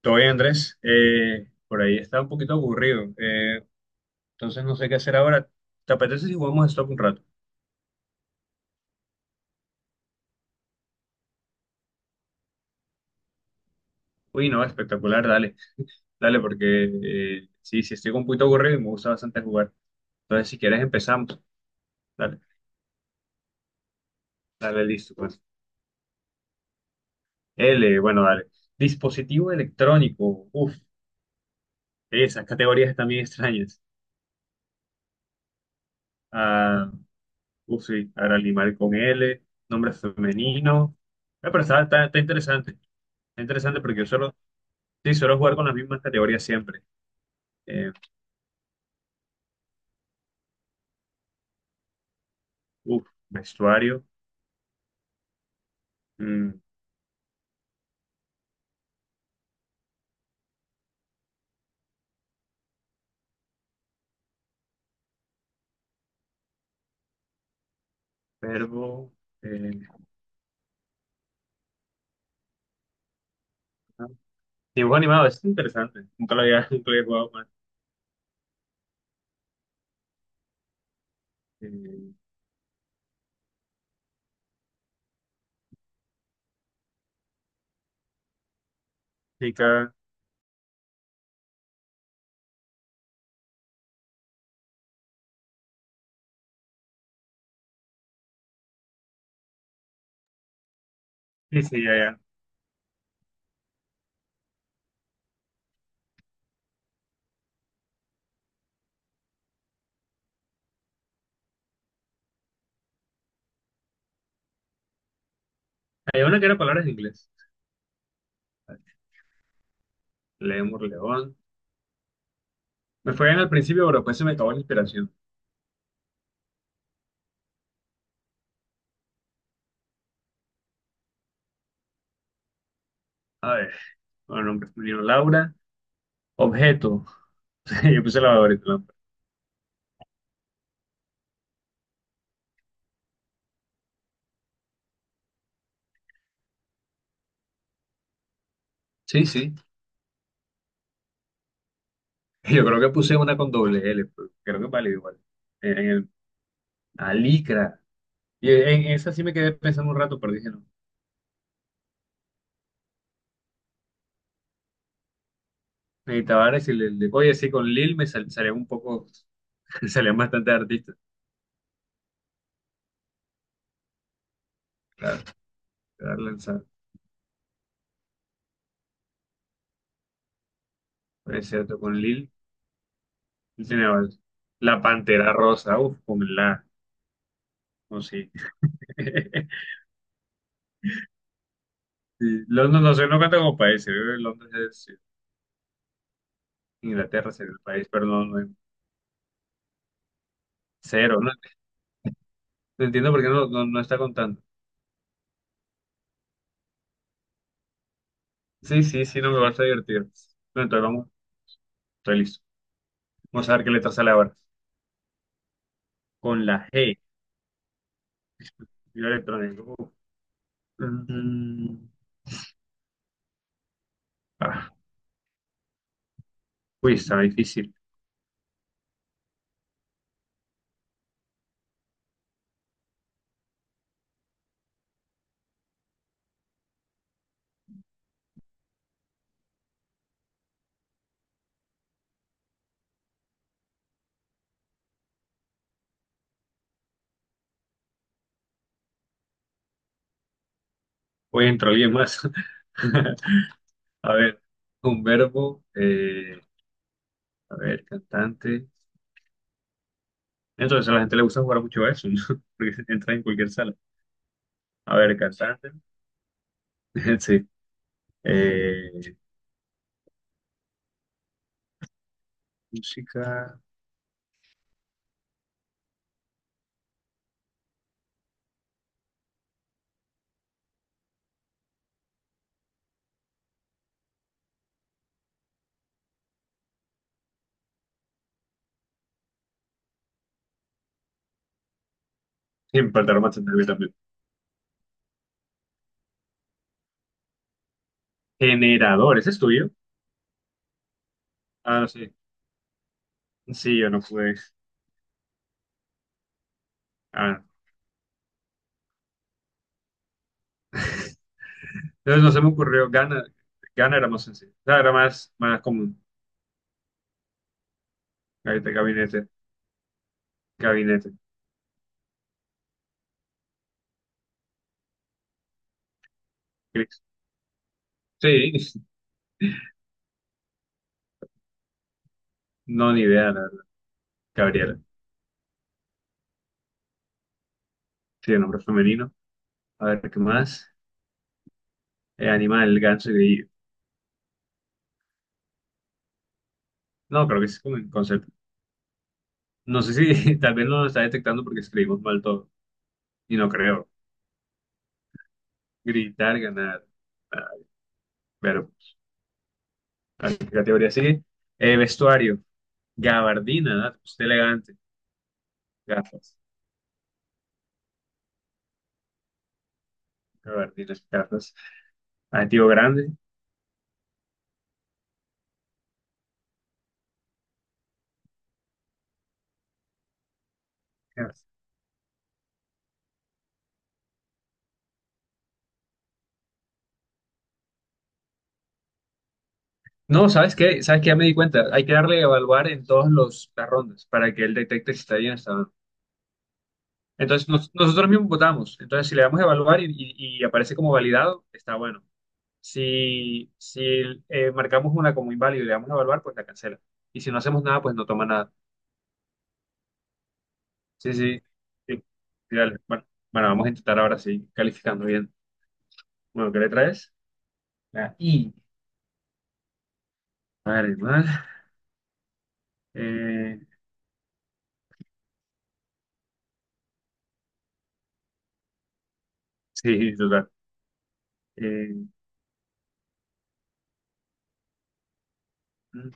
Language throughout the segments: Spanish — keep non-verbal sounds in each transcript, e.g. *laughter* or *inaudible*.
Todo bien, Andrés. Por ahí está un poquito aburrido. Entonces no sé qué hacer ahora. ¿Te apetece si jugamos a Stop un rato? Uy, no, espectacular, dale. Dale, porque sí, sí, estoy un poquito aburrido y me gusta bastante jugar. Entonces, si quieres, empezamos. Dale, dale, listo. Pues. L, bueno, dale. Dispositivo electrónico. Uf, esas categorías también extrañas. Ah, uf, sí, ahora animal con L, nombre femenino. Pero está interesante. Está interesante porque yo solo. Sí, suelo jugar con las mismas categorías siempre. Eh, uf, Vestuario, mm, verbo, eh, ah, dibujo animado, eso es interesante. Nunca lo había, *laughs* nunca lo había jugado más. Eh, Chica, sí, sí, ya, ya. Hay una que era palabras en inglés. Lemur, león. Me fue bien al principio, pero después se me acabó la inspiración. A ver, bueno, nombre femenino, Laura. Objeto. *laughs* Yo puse lavadora y trampa. Sí, sí. Yo creo que puse una con doble L, pero creo que vale igual. En el, alicra. Y en esa sí me quedé pensando un rato, pero dije no. Y Tavares y oye, sí, con Lil salían un poco, *laughs* salían bastante artistas. Claro, claro, lanzado. Es cierto, con Lil él tenía varios. La Pantera Rosa, uff, con la, no sé. *laughs* Sí, Londres no sé, no cuenta como país, se vive en Londres es sí, Inglaterra, sería el país, pero no, no es cero. No, no entiendo por qué no está contando. Sí, sí, sí, no me vas a divertir. Bueno, entonces vamos, estoy listo. Vamos a ver qué letra sale ahora. Con la G, yo electrónico. Uf. Mm, ah, Uy, está difícil. Voy a alguien más. *laughs* A ver, un verbo, a ver, cantante. Entonces a la gente le gusta jugar mucho a eso, ¿no? *laughs* Porque entra en cualquier sala. A ver, cantante. *laughs* Sí. Eh, Música. Siempre tardaron bastante en mí también. Generador, ¿ese es tuyo? Ah, sí. Sí, yo no pude. Ah. Entonces no se me ocurrió. Gana, gana era más sencillo. O sea, era más común. Gabinete, gabinete, gabinete. Sí. *laughs* No, ni idea, la verdad. Gabriela. Sí, el nombre femenino. A ver, ¿qué más? Animal, ganso y grillo. No, creo que ese es como el concepto. No sé si *laughs* tal vez no lo está detectando porque escribimos mal todo. Y no creo. Gritar, ganar. Ah, pero, ¿a qué categoría sigue? Vestuario. Gabardina, ¿no? Usted elegante. Gafas. Gabardinas, gafas. Adjetivo grande. Gafas. No, ¿sabes qué? ¿Sabes qué? Ya me di cuenta. Hay que darle a evaluar en las rondas para que él detecte si está bien o está mal. Entonces, nosotros mismos votamos. Entonces, si le damos a evaluar y aparece como validado, está bueno. Si, si marcamos una como inválida y le damos a evaluar, pues la cancela. Y si no hacemos nada, pues no toma nada. Sí, sí, sí. Sí, dale. Bueno, bueno, vamos a intentar ahora sí, calificando bien. Bueno, ¿qué le traes? La I. Vale, mal. Eh, sí, total. Eh, mm,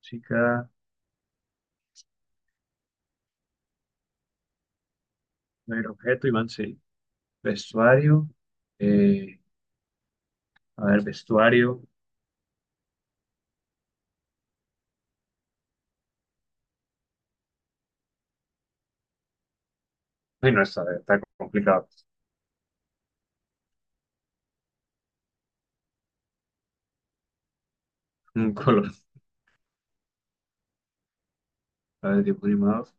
Chica, no hay objeto, Iván, sí. Vestuario. eh, a ver, vestuario. Ay, no, está complicado. Un color. A ver, dibujos animados.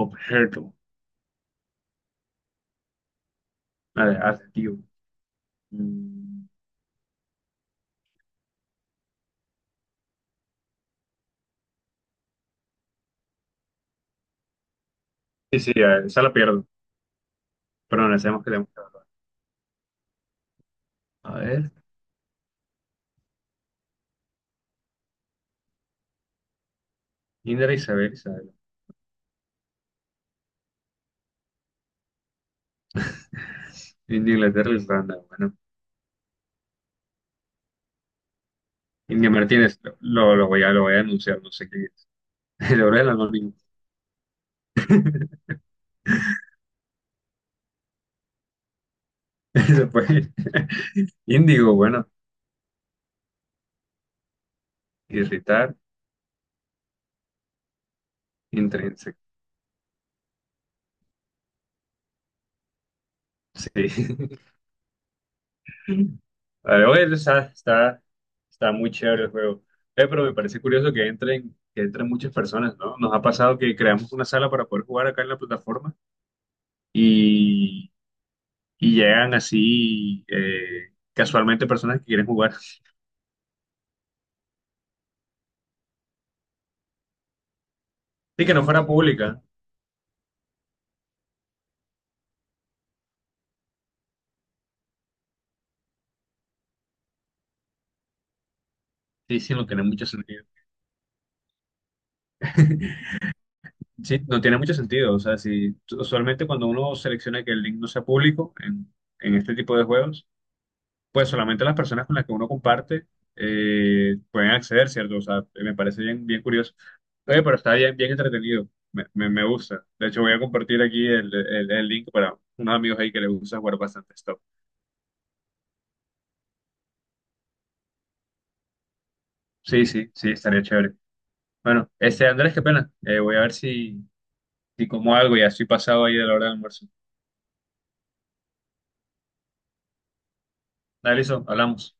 Objeto. A ver, adjetivo. Mm. Sí, sí, esa la pierdo. Pero no sabemos que le hemos dado. A ver, Indra, Isabel. India, Inglaterra, Irlanda. Bueno, India Martínez, lo voy a anunciar, no sé quién es. *laughs* El oro del anónimo. *laughs* Después, *laughs* índigo, bueno, irritar, intrínseco. Sí. *laughs* Vale, bueno, está muy chévere el juego. Pero me parece curioso que que entren muchas personas, ¿no? Nos ha pasado que creamos una sala para poder jugar acá en la plataforma y llegan así casualmente personas que quieren jugar. Sí, que no fuera pública. Sí, sí, no tiene mucho sentido. Sí, no tiene mucho sentido. O sea, si usualmente cuando uno selecciona que el link no sea público en este tipo de juegos, pues solamente las personas con las que uno comparte pueden acceder, ¿cierto? O sea, me parece bien, bien curioso. Oye, pero está bien, bien entretenido. Me gusta. De hecho, voy a compartir aquí el link para unos amigos ahí que les gusta jugar bastante stop. Sí, sí, sí, estaría chévere. Bueno, este Andrés, qué pena. Voy a ver si, si como algo, ya estoy pasado ahí de la hora del almuerzo. Dale, listo, hablamos.